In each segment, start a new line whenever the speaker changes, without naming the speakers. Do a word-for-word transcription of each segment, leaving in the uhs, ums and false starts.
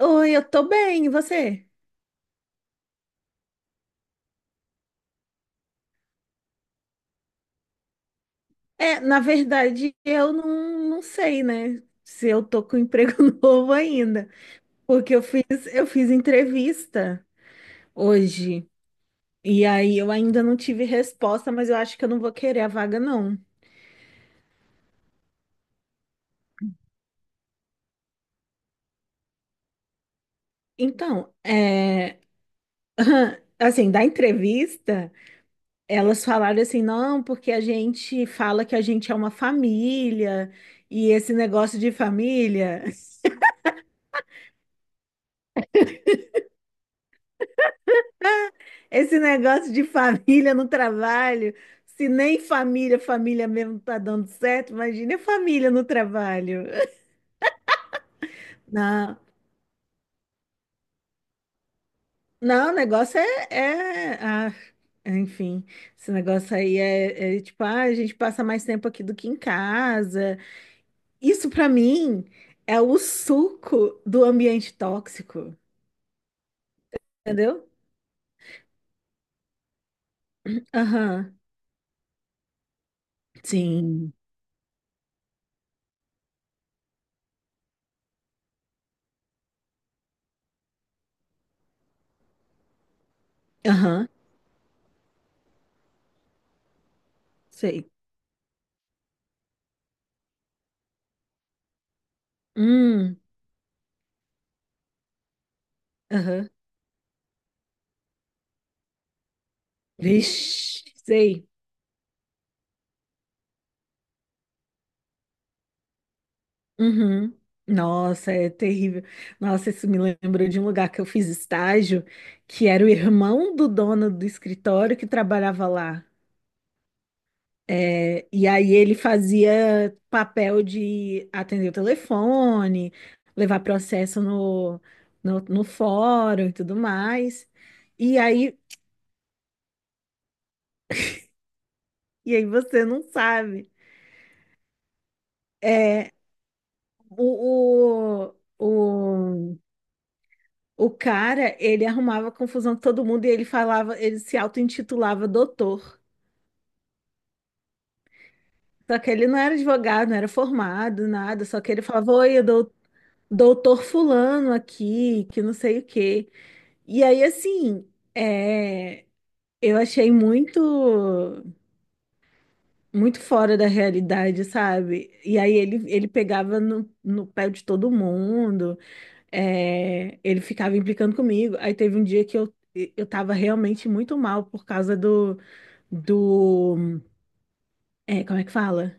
Oi, eu tô bem, e você? É, na verdade, eu não, não sei, né? Se eu tô com emprego novo ainda, porque eu fiz, eu fiz entrevista hoje, e aí eu ainda não tive resposta, mas eu acho que eu não vou querer a vaga, não. Então, é, assim, da entrevista, elas falaram assim, não, porque a gente fala que a gente é uma família, e esse negócio de família. Esse negócio de família no trabalho, se nem família, família mesmo não tá dando certo, imagina a família no trabalho. Não, não, o negócio é, é- ah, enfim, esse negócio aí é, é tipo, ah, a gente passa mais tempo aqui do que em casa. Isso pra mim é o suco do ambiente tóxico, entendeu? Aham, sim, aham, sei. Hum, aham, vixe, sei. Uhum. Nossa, é terrível. Nossa, isso me lembrou de um lugar que eu fiz estágio, que era o irmão do dono do escritório que trabalhava lá. É, e aí ele fazia papel de atender o telefone, levar processo no, no, no fórum e tudo mais. E aí, e aí você não sabe. É, o, o, O cara, ele arrumava confusão com todo mundo e ele falava, ele se auto-intitulava doutor. Só que ele não era advogado, não era formado, nada. Só que ele falava, oi, eu dou, doutor fulano aqui, que não sei o quê. E aí, assim, é, eu achei muito, muito fora da realidade, sabe? E aí ele, ele pegava no, no pé de todo mundo, é, ele ficava implicando comigo. Aí teve um dia que eu, eu tava realmente muito mal por causa do do, é, como é que fala?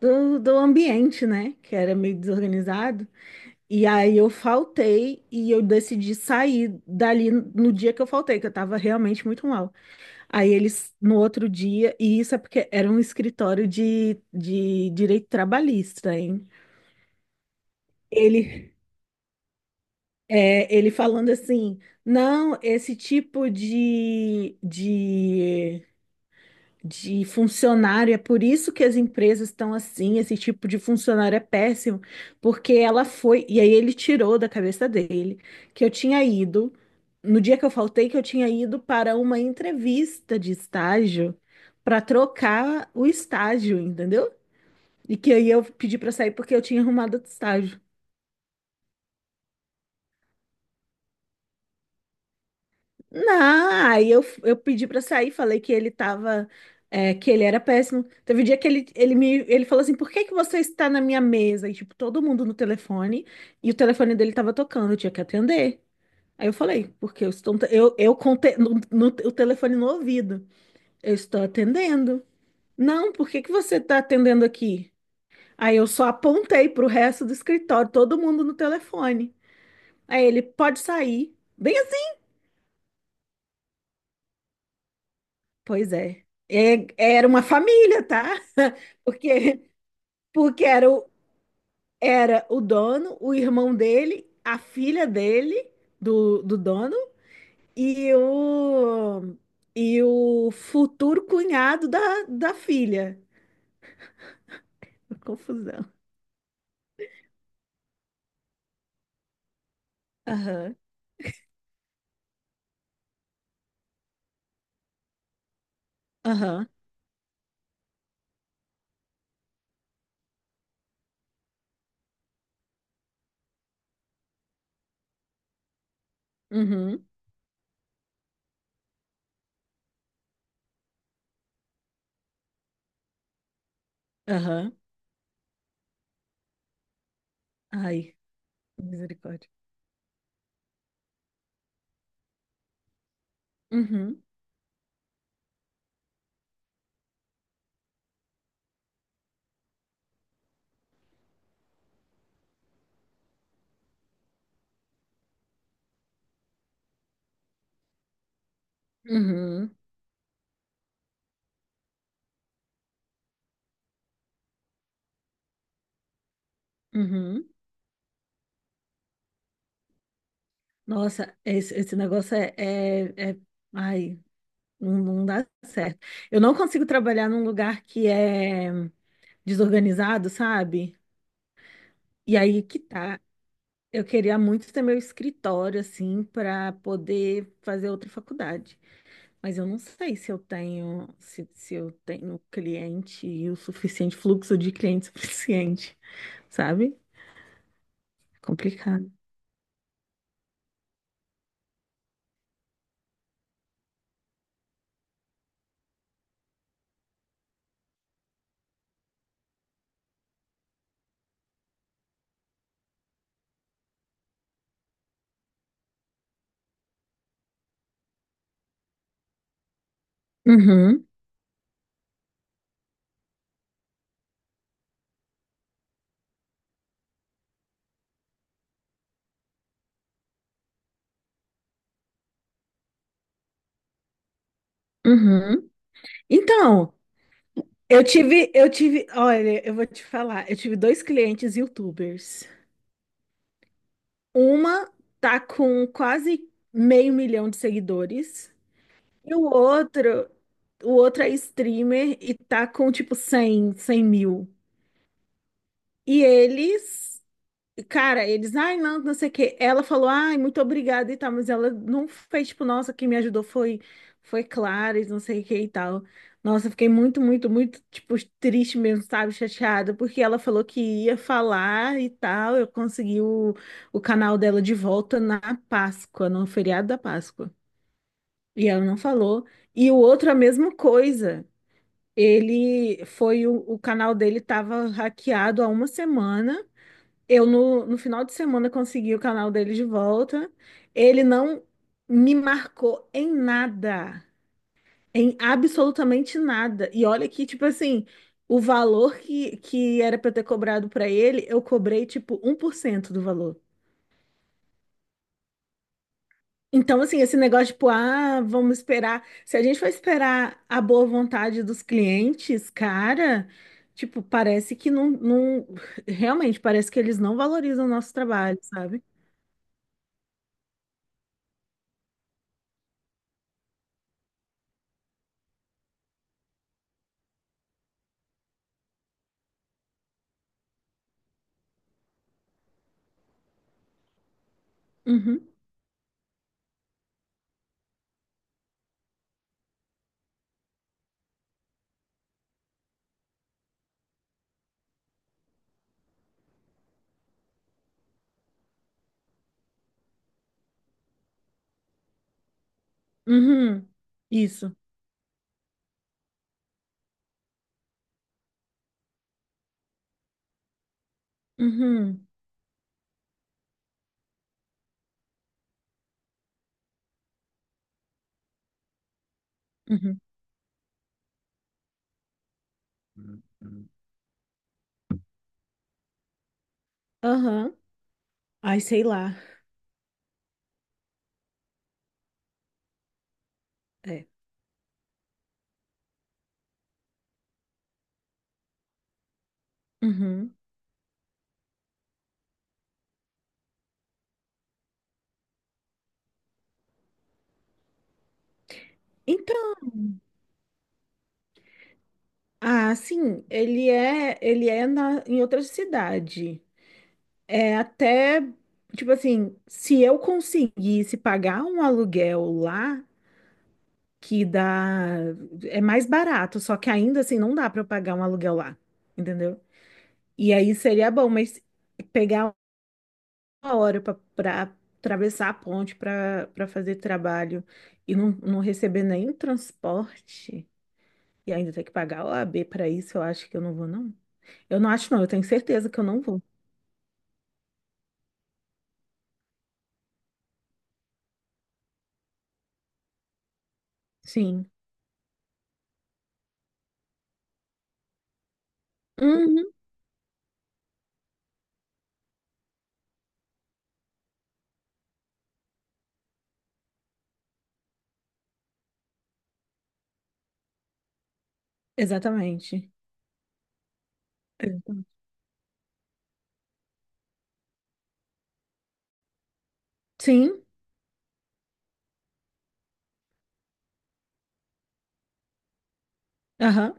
Do, do ambiente, né? Que era meio desorganizado. E aí eu faltei e eu decidi sair dali no dia que eu faltei, que eu tava realmente muito mal. Aí eles, no outro dia, e isso é porque era um escritório de, de direito trabalhista, hein? Ele, é, ele falando assim, não, esse tipo de, de de funcionário. É por isso que as empresas estão assim. Esse tipo de funcionário é péssimo, porque ela foi. E aí ele tirou da cabeça dele que eu tinha ido, no dia que eu faltei, que eu tinha ido para uma entrevista de estágio para trocar o estágio, entendeu? E que aí eu pedi para sair porque eu tinha arrumado outro estágio. Não, aí eu, eu pedi pra sair, falei que ele tava, é, que ele era péssimo. Teve um dia que ele, ele me, ele falou assim, por que que você está na minha mesa? E tipo, todo mundo no telefone, e o telefone dele tava tocando, eu tinha que atender. Aí eu falei, porque eu estou, eu, eu contei no, no- o telefone no ouvido, eu estou atendendo. Não, por que que você tá atendendo aqui? Aí eu só apontei pro resto do escritório, todo mundo no telefone. Aí ele, pode sair. Bem. Pois é. É- Era uma família, tá? Porque, porque era o, era o dono, o irmão dele, a filha dele, do, do dono, e o, e o futuro cunhado da, da filha. Confusão. Aham, aham, uhum, aham. Ai, misericórdia. Uhum, uhum, uhum. Nossa, esse, esse negócio é, é, é... Ai, não, não dá certo. Eu não consigo trabalhar num lugar que é desorganizado, sabe? E aí que tá. Eu queria muito ter meu escritório, assim, para poder fazer outra faculdade. Mas eu não sei se eu tenho, se, se eu tenho cliente e o suficiente, fluxo de cliente suficiente, sabe? Complicado. Uhum, uhum. Então, eu tive, eu tive, olha, eu vou te falar, eu tive dois clientes YouTubers. Uma tá com quase meio milhão de seguidores e o outro, o outro é streamer e tá com tipo cem cem mil. E eles Cara, eles, ai, não, não sei o quê. Ela falou, ai, muito obrigada e tal, mas ela não fez, tipo, nossa, quem me ajudou foi, foi Clara e não sei o que e tal. Nossa, eu fiquei muito, muito, muito, tipo, triste mesmo, sabe, chateada, porque ela falou que ia falar e tal. Eu consegui o, o canal dela de volta na Páscoa, no feriado da Páscoa. E ela não falou. E o outro, a mesma coisa. Ele foi, o, o canal dele tava hackeado há uma semana. Eu, no, no final de semana, consegui o canal dele de volta. Ele não me marcou em nada, em absolutamente nada. E olha que, tipo assim, o valor que, que era para ter cobrado para ele, eu cobrei, tipo, um por cento do valor. Então, assim, esse negócio, tipo, ah, vamos esperar. Se a gente for esperar a boa vontade dos clientes, cara, tipo, parece que não, não... Realmente, parece que eles não valorizam o nosso trabalho, sabe? Uhum. Uhum. Isso. Uhum. Uhum. Aham. Ai, sei lá. É. Uhum. Então, ah, sim, ele é, ele é na, em outra cidade. É até, tipo assim, se eu conseguisse pagar um aluguel lá, que dá, é mais barato, só que ainda assim não dá para eu pagar um aluguel lá, entendeu? E aí seria bom, mas pegar uma hora para atravessar a ponte para para fazer trabalho e não, não receber nenhum transporte e ainda ter que pagar a O A B para isso, eu acho que eu não vou, não. Eu não acho, não, eu tenho certeza que eu não vou. Sim. Uhum, exatamente. Exatamente. Sim, aham.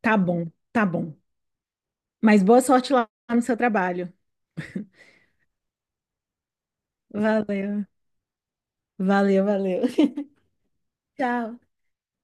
Tá bom, tá bom. Mas boa sorte lá no seu trabalho. Valeu, valeu, valeu. Tchau.